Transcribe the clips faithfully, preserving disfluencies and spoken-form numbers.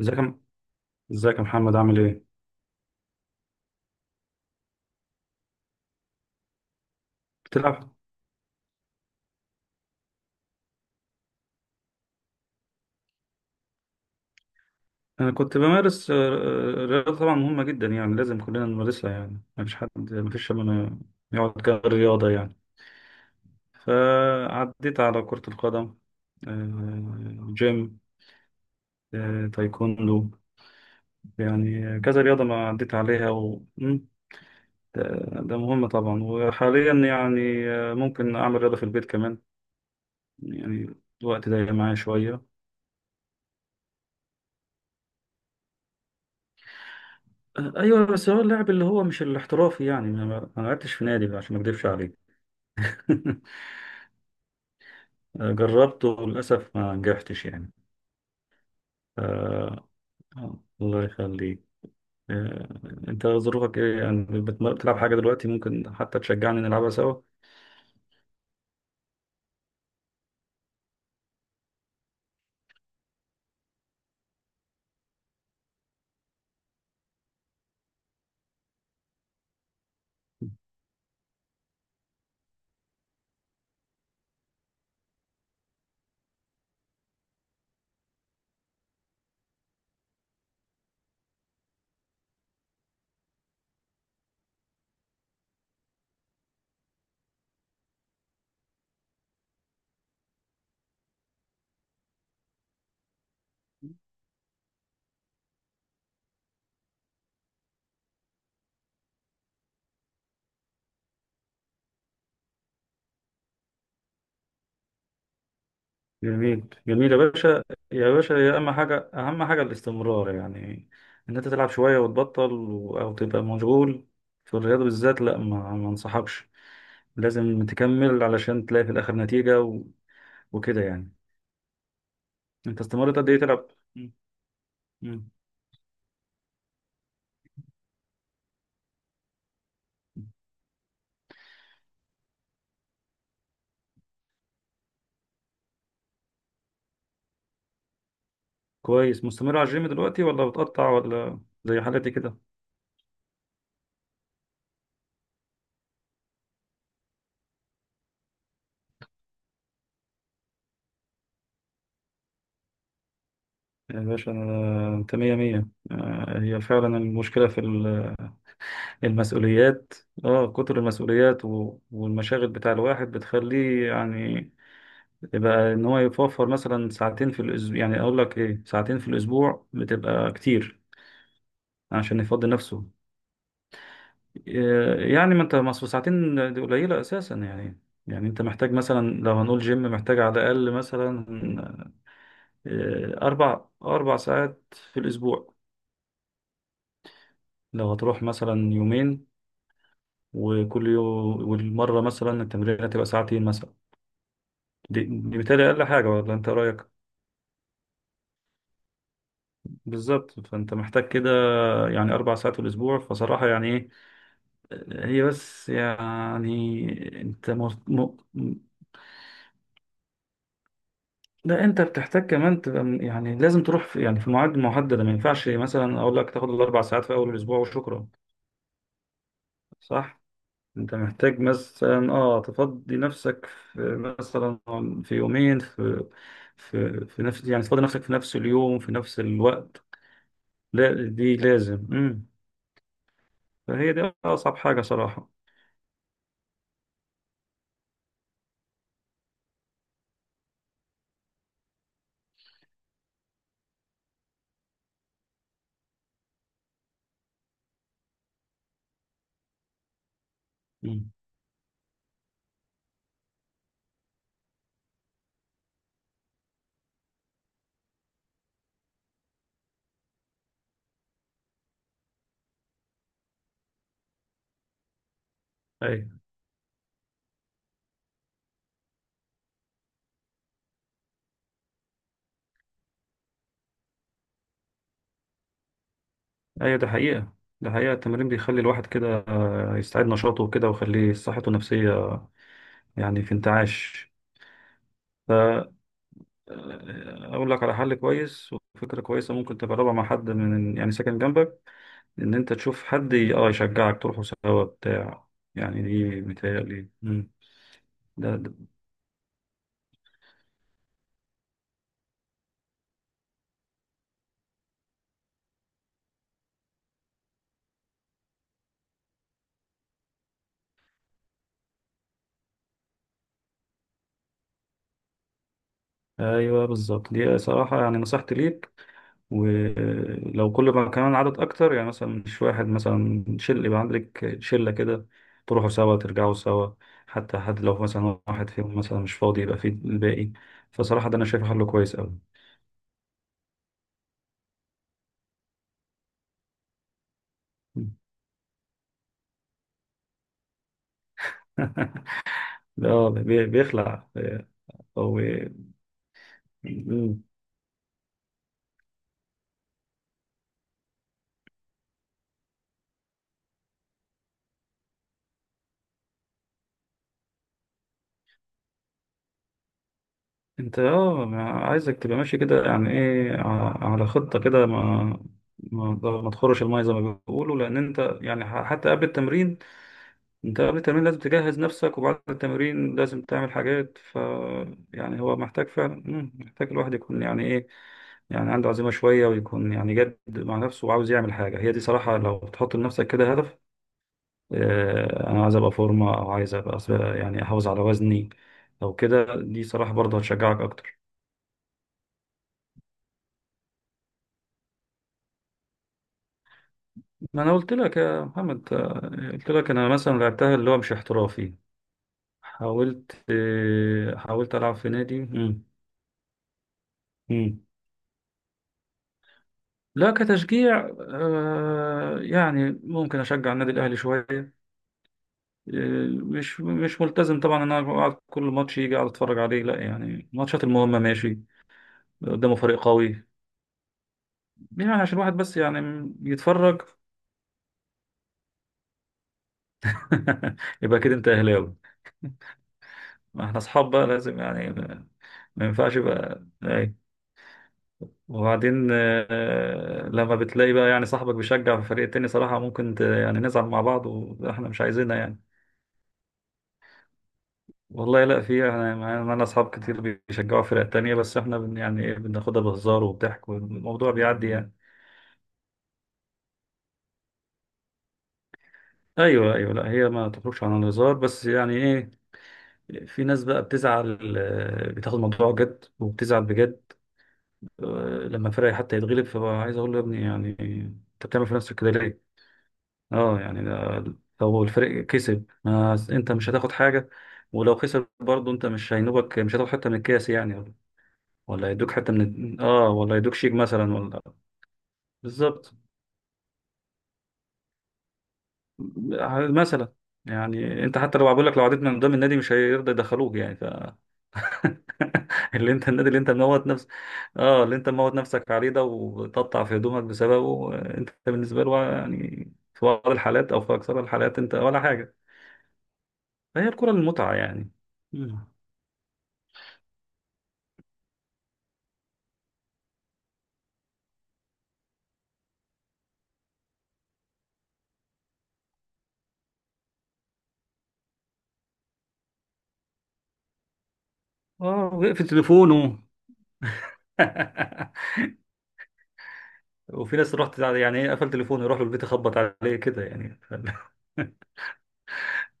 ازيك يا- ازيك يا محمد، عامل ايه؟ بتلعب؟ انا كنت بمارس آه، آه، رياضة طبعا مهمة جدا، يعني لازم كلنا نمارسها، يعني مفيش حد مفيش شباب يقعد كده غير رياضة يعني. فعديت على كرة القدم، آه، جيم، آه، تايكوندو. يعني كذا رياضة ما عديت عليها و... مم، ده ده مهم طبعا. وحاليا يعني آه، ممكن أعمل رياضة في البيت كمان، يعني الوقت ضيق معايا شوية. ايوه بس هو اللاعب اللي هو مش الاحترافي، يعني انا ما ما لعبتش في نادي بقى عشان ما اكدبش عليك. جربته وللاسف ما نجحتش يعني. ف... الله يخليك. آه، انت ظروفك ايه؟ يعني بتم- بتلعب حاجه دلوقتي؟ ممكن حتى تشجعني نلعبها سوا. جميل جميل يا باشا. يا باشا يا اما حاجه، اهم حاجه الاستمرار يعني، ان انت تلعب شويه وتبطل و- او تبقى مشغول. في الرياضه بالذات لا، ما ما انصحكش. لازم تكمل علشان تلاقي في الاخر نتيجه وكده يعني. انت استمرت قد ايه تلعب؟ مم. مم. كويس، مستمر على الجيم دلوقتي ولا بتقطع ولا زي حالتي كده؟ يا باشا أنا- انت مية مية. آه، هي فعلا المشكلة في ال- المسؤوليات. اه كتر المسؤوليات و- والمشاغل بتاع الواحد بتخليه يعني، يبقى ان هو يوفر مثلا ساعتين في الاسبوع. يعني اقول لك ايه، ساعتين في الاسبوع بتبقى كتير عشان يفضي نفسه. آه، يعني ما انت، ما أصل ساعتين دي قليلة اساسا يعني. يعني انت محتاج مثلا لو هنقول جيم، محتاج على الاقل مثلا آه، اربع اربع ساعات في الاسبوع. لو هتروح مثلا يومين، وكل يوم والمرة مثلا التمرين هتبقى ساعتين مثلا. دي, دي بالتالي اقل حاجة، ولا انت رأيك؟ بالظبط، فانت محتاج كده يعني اربع ساعات في الاسبوع، فصراحة يعني ايه، هي بس يعني انت. لا انت بتحتاج كمان تبقى من- يعني لازم تروح في، يعني في مواعيد محدده، ما ينفعش مثلا اقول لك تاخد الاربع ساعات في اول الاسبوع وشكرا، صح؟ انت محتاج مثلا اه تفضي نفسك في مثلا، في يومين، في في في نفس، يعني تفضي نفسك في نفس اليوم في نفس الوقت. لا دي لازم. امم. فهي دي اصعب حاجه صراحه. امم. ايوه، ايوه، ده حقيقه. ده حقيقه، التمرين بيخلي الواحد كده آه، يستعيد نشاطه وكده، ويخليه صحته النفسيه، يعني في انتعاش. اقول لك على حل كويس وفكره كويسه، ممكن تجربها مع حد من يعني ساكن جنبك، ان انت تشوف حد ي- اه يشجعك تروحوا سوا بتاع. يعني دي متهيألي. مم. ده, ده ايوه، بالظبط، دي صراحه يعني نصيحتي ليك. ولو كل ما كمان عدد اكتر، يعني مثلا مش واحد مثلا، شل يبقى عندك شله كده، تروحوا سوا ترجعوا سوا. حتى حد لو مثلا واحد فيهم مثلا مش فاضي يبقى في الباقي. فصراحه ده انا شايفه حل كويس قوي. لا، بي- بيخلع أو. مم. أنت أه ما- عايزك تبقى ماشي كده يعني إيه ع- على خطة كده، ما ما ما تخرش المية زي ما بيقولوا، لأن أنت يعني ح- حتى قبل التمرين، أنت قبل التمرين لازم تجهز نفسك، وبعد التمرين لازم تعمل حاجات ف... يعني هو محتاج فعلا مم، محتاج الواحد يكون يعني إيه، يعني عنده عزيمة شوية، ويكون يعني جد مع نفسه وعاوز يعمل حاجة. هي دي صراحة لو تحط لنفسك كده هدف، آه، انا عايز ابقى فورمه، او عايز ابقى أص- يعني احافظ على وزني او كده، دي صراحه برضه هتشجعك اكتر. ما انا قلت لك يا محمد، آه، قلت لك انا مثلا لعبتها اللي هو مش احترافي. حاولت، آه، حاولت العب في نادي. مم. مم. لا كتشجيع، آه، يعني ممكن اشجع النادي الاهلي شويه. آه، مش مش ملتزم طبعا ان انا أقعد كل ماتش يجي اقعد اتفرج عليه، لا يعني. الماتشات المهمه ماشي، قدامه فريق قوي، يعني عشان الواحد بس يعني يتفرج. يبقى كده انت اهلاوي. ما احنا اصحاب بقى لازم يعني، ما ما ينفعش بقى اي. وبعدين آه، لما بتلاقي بقى يعني صاحبك بيشجع في فريق تاني صراحة ممكن ت- يعني نزعل مع بعض واحنا مش عايزينها يعني. والله لا، في احنا معانا اصحاب كتير بيشجعوا فرق تانية، بس احنا بن يعني ايه بناخدها بهزار وبضحك والموضوع بيعدي يعني. ايوه ايوه، لا هي ما تخرجش عن الهزار بس يعني ايه، في ناس بقى بتزعل، آه، بتاخد الموضوع جد وبتزعل بجد. لما فرقي حتى يتغلب فبقى عايز اقول له يا ابني يعني، انت بتعمل في نفسك كده ليه؟ اه يعني ده، لو الفريق كسب ما انت مش هتاخد حاجه، ولو خسر برضه انت مش هينوبك، مش هتاخد حته من الكاس يعني، ولا يدوك حته من اه، ولا يدوك شيك مثلا ولا. بالظبط. مثلا، يعني انت حتى لو بقول لك، لو عديت من قدام النادي مش هيرضى يدخلوك يعني. اللي انت، النادي اللي انت موت نفسك، اه اللي انت موت نفسك عليه ده وتقطع في هدومك بسببه، آه، انت بالنسبه له يعني، في بعض الحالات او في اكثر الحالات، انت ولا حاجه. فهي الكره المتعه يعني. مم. اه وقف تليفونه. وفي ناس رحت يعني ايه قفل تليفونه، يروح له البيت يخبط عليه كده يعني.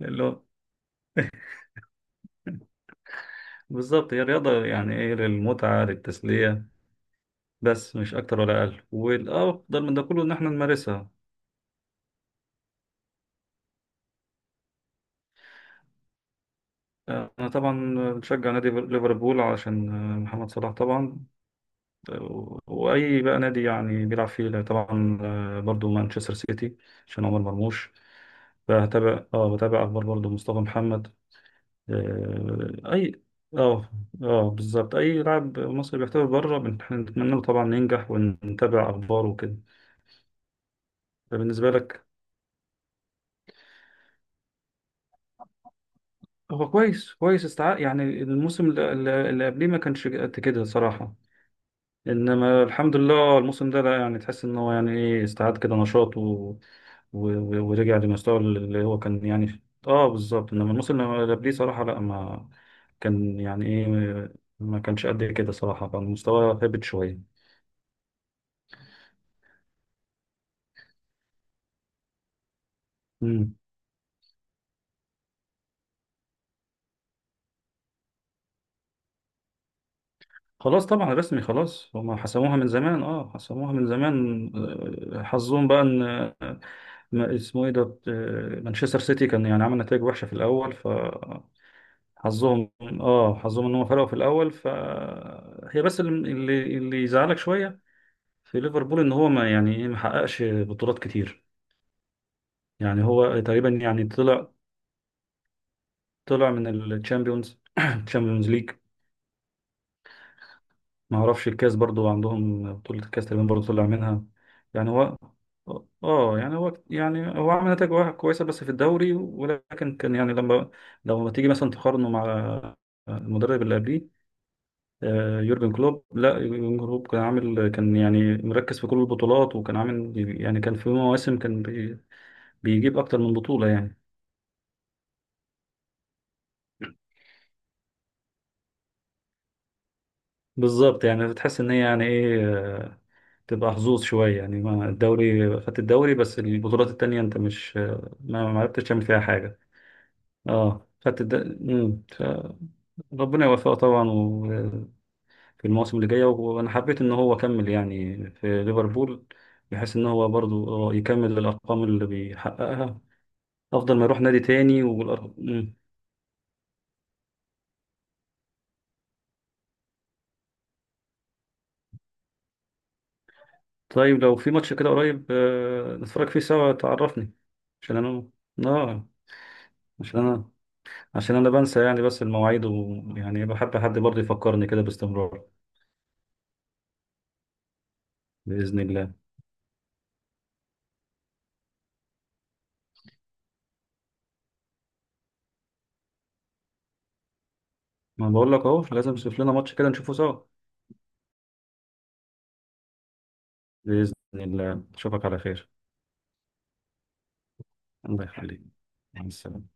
اللي هو بالظبط، هي رياضة يعني ايه، للمتعة، للتسلية، بس مش أكتر ولا أقل، والأفضل من ده كله إن احنا نمارسها. أنا طبعا بشجع نادي ليفربول علشان آه، محمد صلاح طبعا، وأي بقى نادي يعني بيلعب فيه طبعا، آه، برضو مانشستر سيتي عشان عمر مرموش. بتابع اه بتابع أخبار برضو مصطفى محمد. آه، أي اه اه، بالظبط، أي لاعب مصري بيحترف بره بنتمنى له طبعا ينجح، ونتابع أخباره وكده. بالنسبة لك، هو كويس كويس، استع يعني الموسم اللي اللي- اللي قبليه ما كانش قد كده صراحة. انما الحمد لله الموسم ده لا، يعني تحس ان هو يعني ايه استعاد كده نشاط و... و... و- ورجع لمستوى اللي هو كان يعني في- اه بالظبط. انما الموسم اللي قبليه صراحة لا، ما كان يعني ايه، ما كانش قد كده صراحة، كان مستواه هبط شوية. مم. خلاص طبعا رسمي خلاص، هما حسموها من زمان، اه حسموها من زمان. آه، حظهم بقى ان آه، ما اسمه ايه ده، آه، مانشستر سيتي كان يعني عمل نتائج وحشة في الاول ف... حظهم اه حظهم ان هم فرقوا في الاول، فهي بس اللي اللي اللي يزعلك شويه في ليفربول، ان هو ما يعني ايه ما حققش بطولات كتير. يعني هو تقريبا يعني طلع طلع من الشامبيونز الشامبيونز ليج. ما اعرفش الكاس برضو، عندهم بطوله الكاس تقريبا برضو طلع منها. يعني هو اه يعني هو يعني هو عمل نتائج واحد كويسه بس في الدوري، ولكن كان يعني لما لما تيجي مثلا تقارنه مع المدرب اللي قبليه، آه، يورجن كلوب. لا يورجن كلوب كان عامل، كان يعني مركز في كل البطولات، وكان عامل يعني كان في مواسم كان بي- بيجيب اكتر من بطولة يعني. بالظبط، يعني بتحس ان هي يعني ايه آه، تبقى حظوظ شوية، يعني ما الدوري، خدت الدوري، بس البطولات التانية انت مش، آه، ما ما عرفتش تعمل فيها حاجة. اه خدت الد... مم. ف- ربنا يوفقه طبعا و- في المواسم اللي جاية، و- وانا حبيت ان هو كمل يعني في ليفربول، بحيث ان هو برضو يكمل الارقام اللي بيحققها، افضل ما يروح نادي تاني والأرهب. مم. طيب لو في ماتش كده قريب، آه، نتفرج فيه سوا تعرفني، عشان انا اه، عشان انا عشان انا بنسى يعني بس المواعيد، ويعني بحب حد برضه يفكرني كده باستمرار. بإذن الله. ما بقول لك اهو، لازم نشوف لنا ماتش كده نشوفه سوا. بإذن الله اشوفك على خير. الله يخليك، مع السلامة.